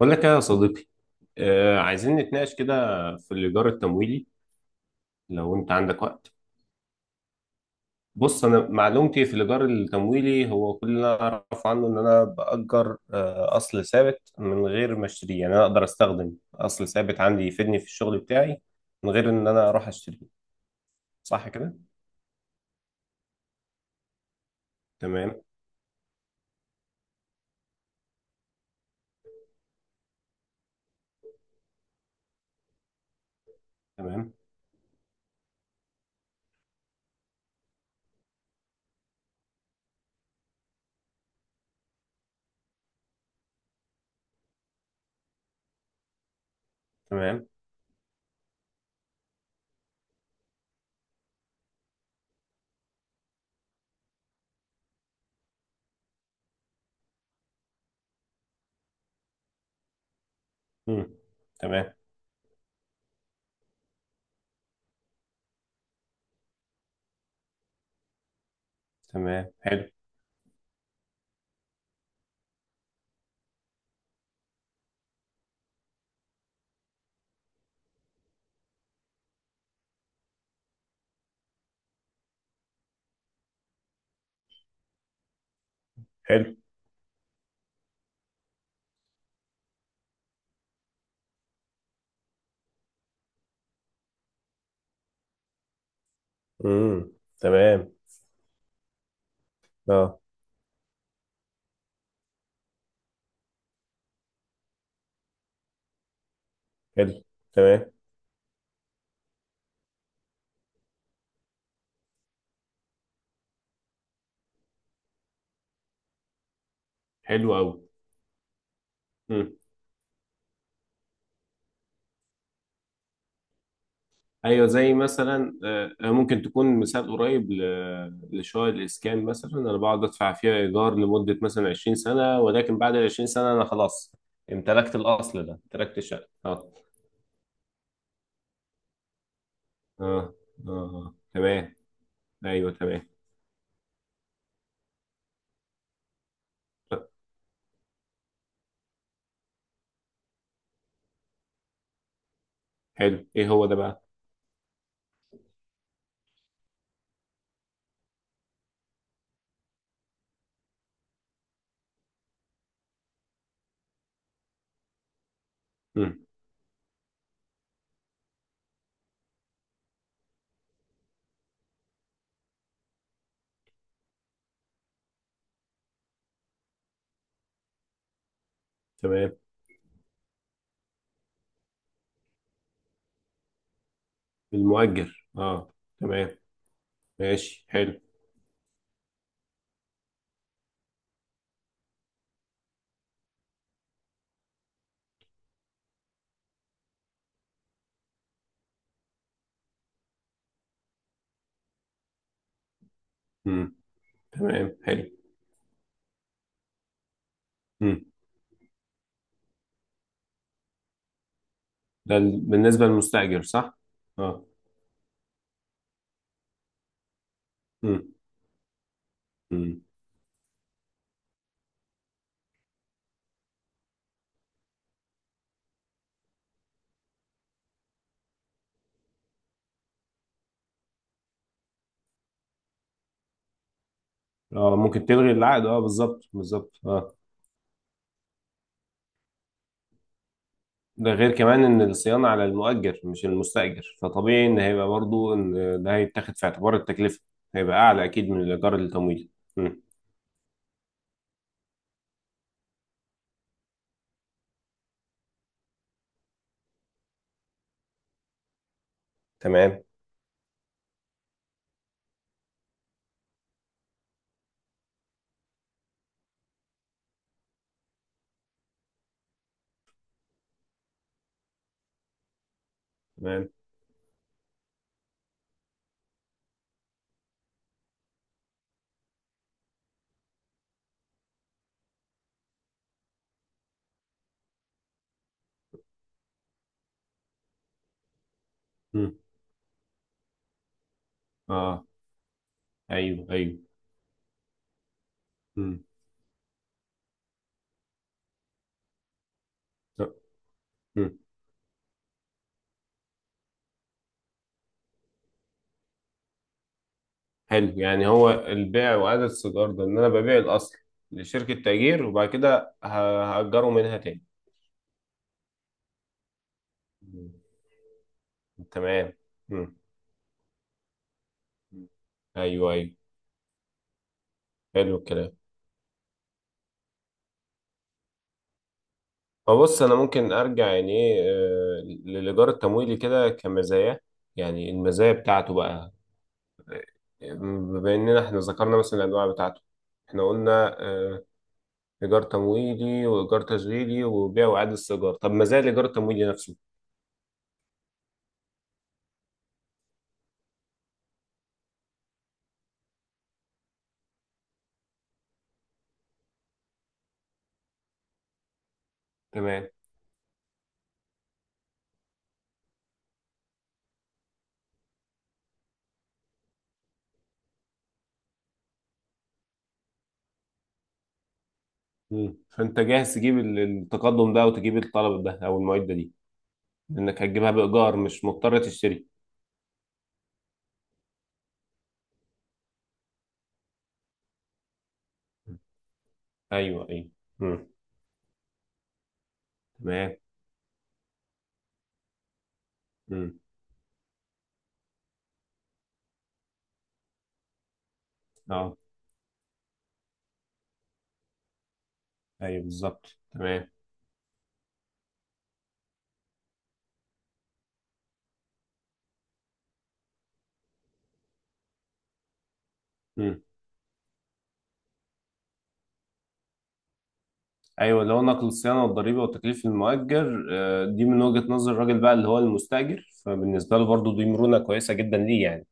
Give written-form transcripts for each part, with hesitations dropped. بقول لك إيه يا صديقي. عايزين نتناقش كده في الإيجار التمويلي لو أنت عندك وقت. بص أنا معلومتي في الإيجار التمويلي هو كل اللي أنا أعرف عنه إن أنا بأجر أصل ثابت من غير ما أشتريه، يعني أنا أقدر أستخدم أصل ثابت عندي يفيدني في الشغل بتاعي من غير إن أنا أروح أشتريه. صح كده؟ تمام. تمام. تمام. مم. تمام. تمام. حلو. حلو. مم. تمام. أه. حلو. تمام. حلو أوي. ايوه، زي مثلا ممكن تكون مثال قريب لشقق الاسكان، مثلا انا بقعد ادفع فيها ايجار لمده مثلا 20 سنه، ولكن بعد ال 20 سنه انا خلاص امتلكت الاصل ده، امتلكت الشقه. اه. اه اه. آه. تمام. ايوه تمام. طب، حلو، ايه هو ده بقى؟ مم. تمام. المؤجر اه. تمام ماشي حلو. مم. تمام. حلو. مم. ده بالنسبه للمستاجر، صح. اه. مم. مم. اه، ممكن تلغي العقد، اه بالظبط بالظبط اه. ده غير كمان ان الصيانه على المؤجر مش المستاجر، فطبيعي ان هيبقى برضو ان ده هيتاخد في اعتبار التكلفه، هيبقى اعلى اكيد من الايجار التمويل. مم. تمام. تمام. مم. اه. ايوه ايوه. مم. لا. مم. حلو، يعني هو البيع واعاده الصدار ده ان انا ببيع الاصل لشركه تأجير، وبعد كده هأجره منها تاني. مم. تمام. مم. ايوه ايوه. حلو الكلام. فبص انا ممكن ارجع يعني ايه للايجار التمويلي كده كمزايا، يعني المزايا بتاعته بقى. بما اننا احنا ذكرنا مثلا الانواع بتاعته، احنا قلنا ايجار تمويلي وايجار تشغيلي وبيع واعاده استئجار. طب مزايا الايجار التمويلي نفسه. تمام. مم. فانت جاهز تجيب التقدم ده وتجيب الطلب ده او المعده دي، لانك هتجيبها بايجار مش مضطر تشتري. ايوه ايوه. مم. تمام. مم. اه. ايوه بالظبط تمام. مم. ايوه، اللي هو نقل الصيانه والضريبه وتكليف المؤجر، دي من وجهه نظر الراجل بقى اللي هو المستاجر، فبالنسبه له برضو دي مرونه كويسه جدا ليه، يعني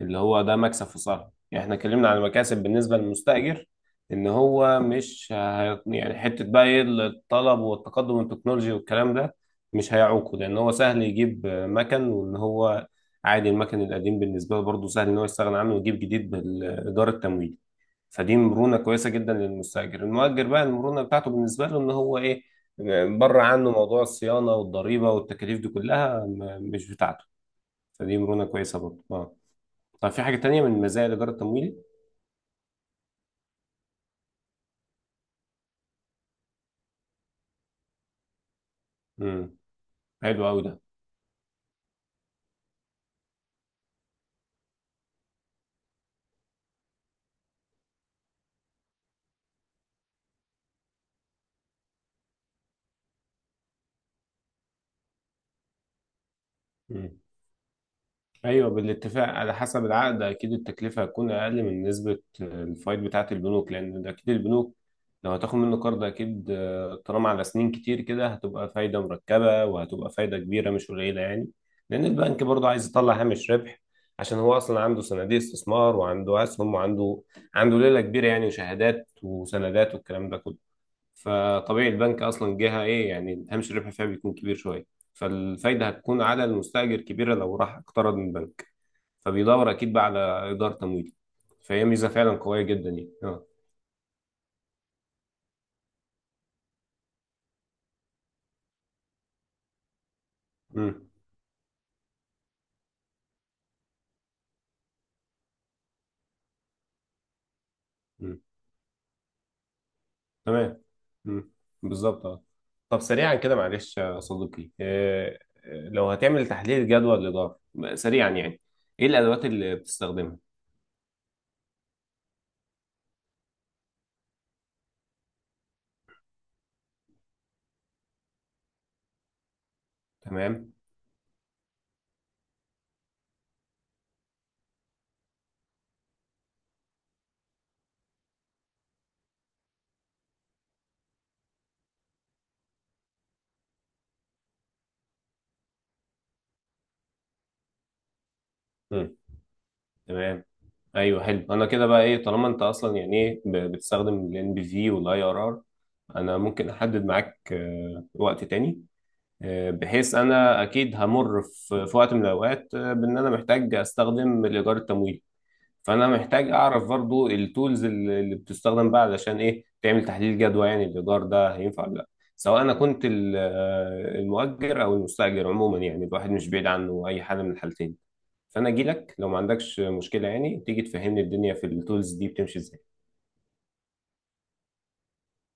اللي هو ده مكسب في صالحه. يعني احنا اتكلمنا عن المكاسب بالنسبه للمستاجر ان هو مش يعني حته بقى ايه الطلب والتقدم والتكنولوجي والكلام ده مش هيعوقه، لان هو سهل يجيب مكن، وان هو عادي المكن القديم بالنسبه له برضه سهل ان هو يستغنى عنه ويجيب جديد بالايجار التمويلي. فدي مرونه كويسه جدا للمستاجر. المؤجر بقى المرونه بتاعته بالنسبه له ان هو ايه، بره عنه موضوع الصيانه والضريبه والتكاليف دي كلها، مش بتاعته. فدي مرونه كويسه برضه اه. طب في حاجة تانية من مزايا الإيجار التمويلي؟ امم حلو أوي ده. امم أيوه، بالاتفاق على حسب العقد، أكيد التكلفة هتكون أقل من نسبة الفايد بتاعة البنوك، لأن ده أكيد البنوك لو هتاخد منه قرض، أكيد طالما على سنين كتير كده هتبقى فايدة مركبة، وهتبقى فايدة كبيرة مش قليلة يعني. لأن البنك برضه عايز يطلع هامش ربح، عشان هو أصلا عنده صناديق استثمار وعنده أسهم وعنده ليلة كبيرة يعني، وشهادات وسندات والكلام ده كله. فطبيعي البنك اصلا جهه ايه يعني، هامش الربح فيها بيكون كبير شويه، فالفايده هتكون على المستاجر كبيره لو راح اقترض من البنك، فبيدور اكيد بقى على ايجار تمويلي. فهي ميزه فعلا قويه جدا يعني اه. امم امم تمام. امم بالظبط اه. طب سريعا كده معلش يا صديقي، لو هتعمل تحليل جدوى الاداره سريعا يعني، ايه الادوات اللي بتستخدمها؟ تمام. تمام. ايوه حلو. انا كده بقى ايه، طالما انت اصلا يعني ايه بتستخدم الان PV والاي ار ار، انا ممكن احدد معاك وقت تاني بحيث انا اكيد همر في وقت من الاوقات بان انا محتاج استخدم الايجار التمويلي. فانا محتاج اعرف برضو التولز اللي بتستخدم بقى علشان ايه تعمل تحليل جدوى، يعني الايجار ده هينفع ولا لا، سواء انا كنت المؤجر او المستاجر عموما يعني. الواحد مش بعيد عنه اي حاجه من الحالتين. فانا اجي لك لو ما عندكش مشكله، يعني تيجي تفهمني الدنيا في التولز دي بتمشي ازاي.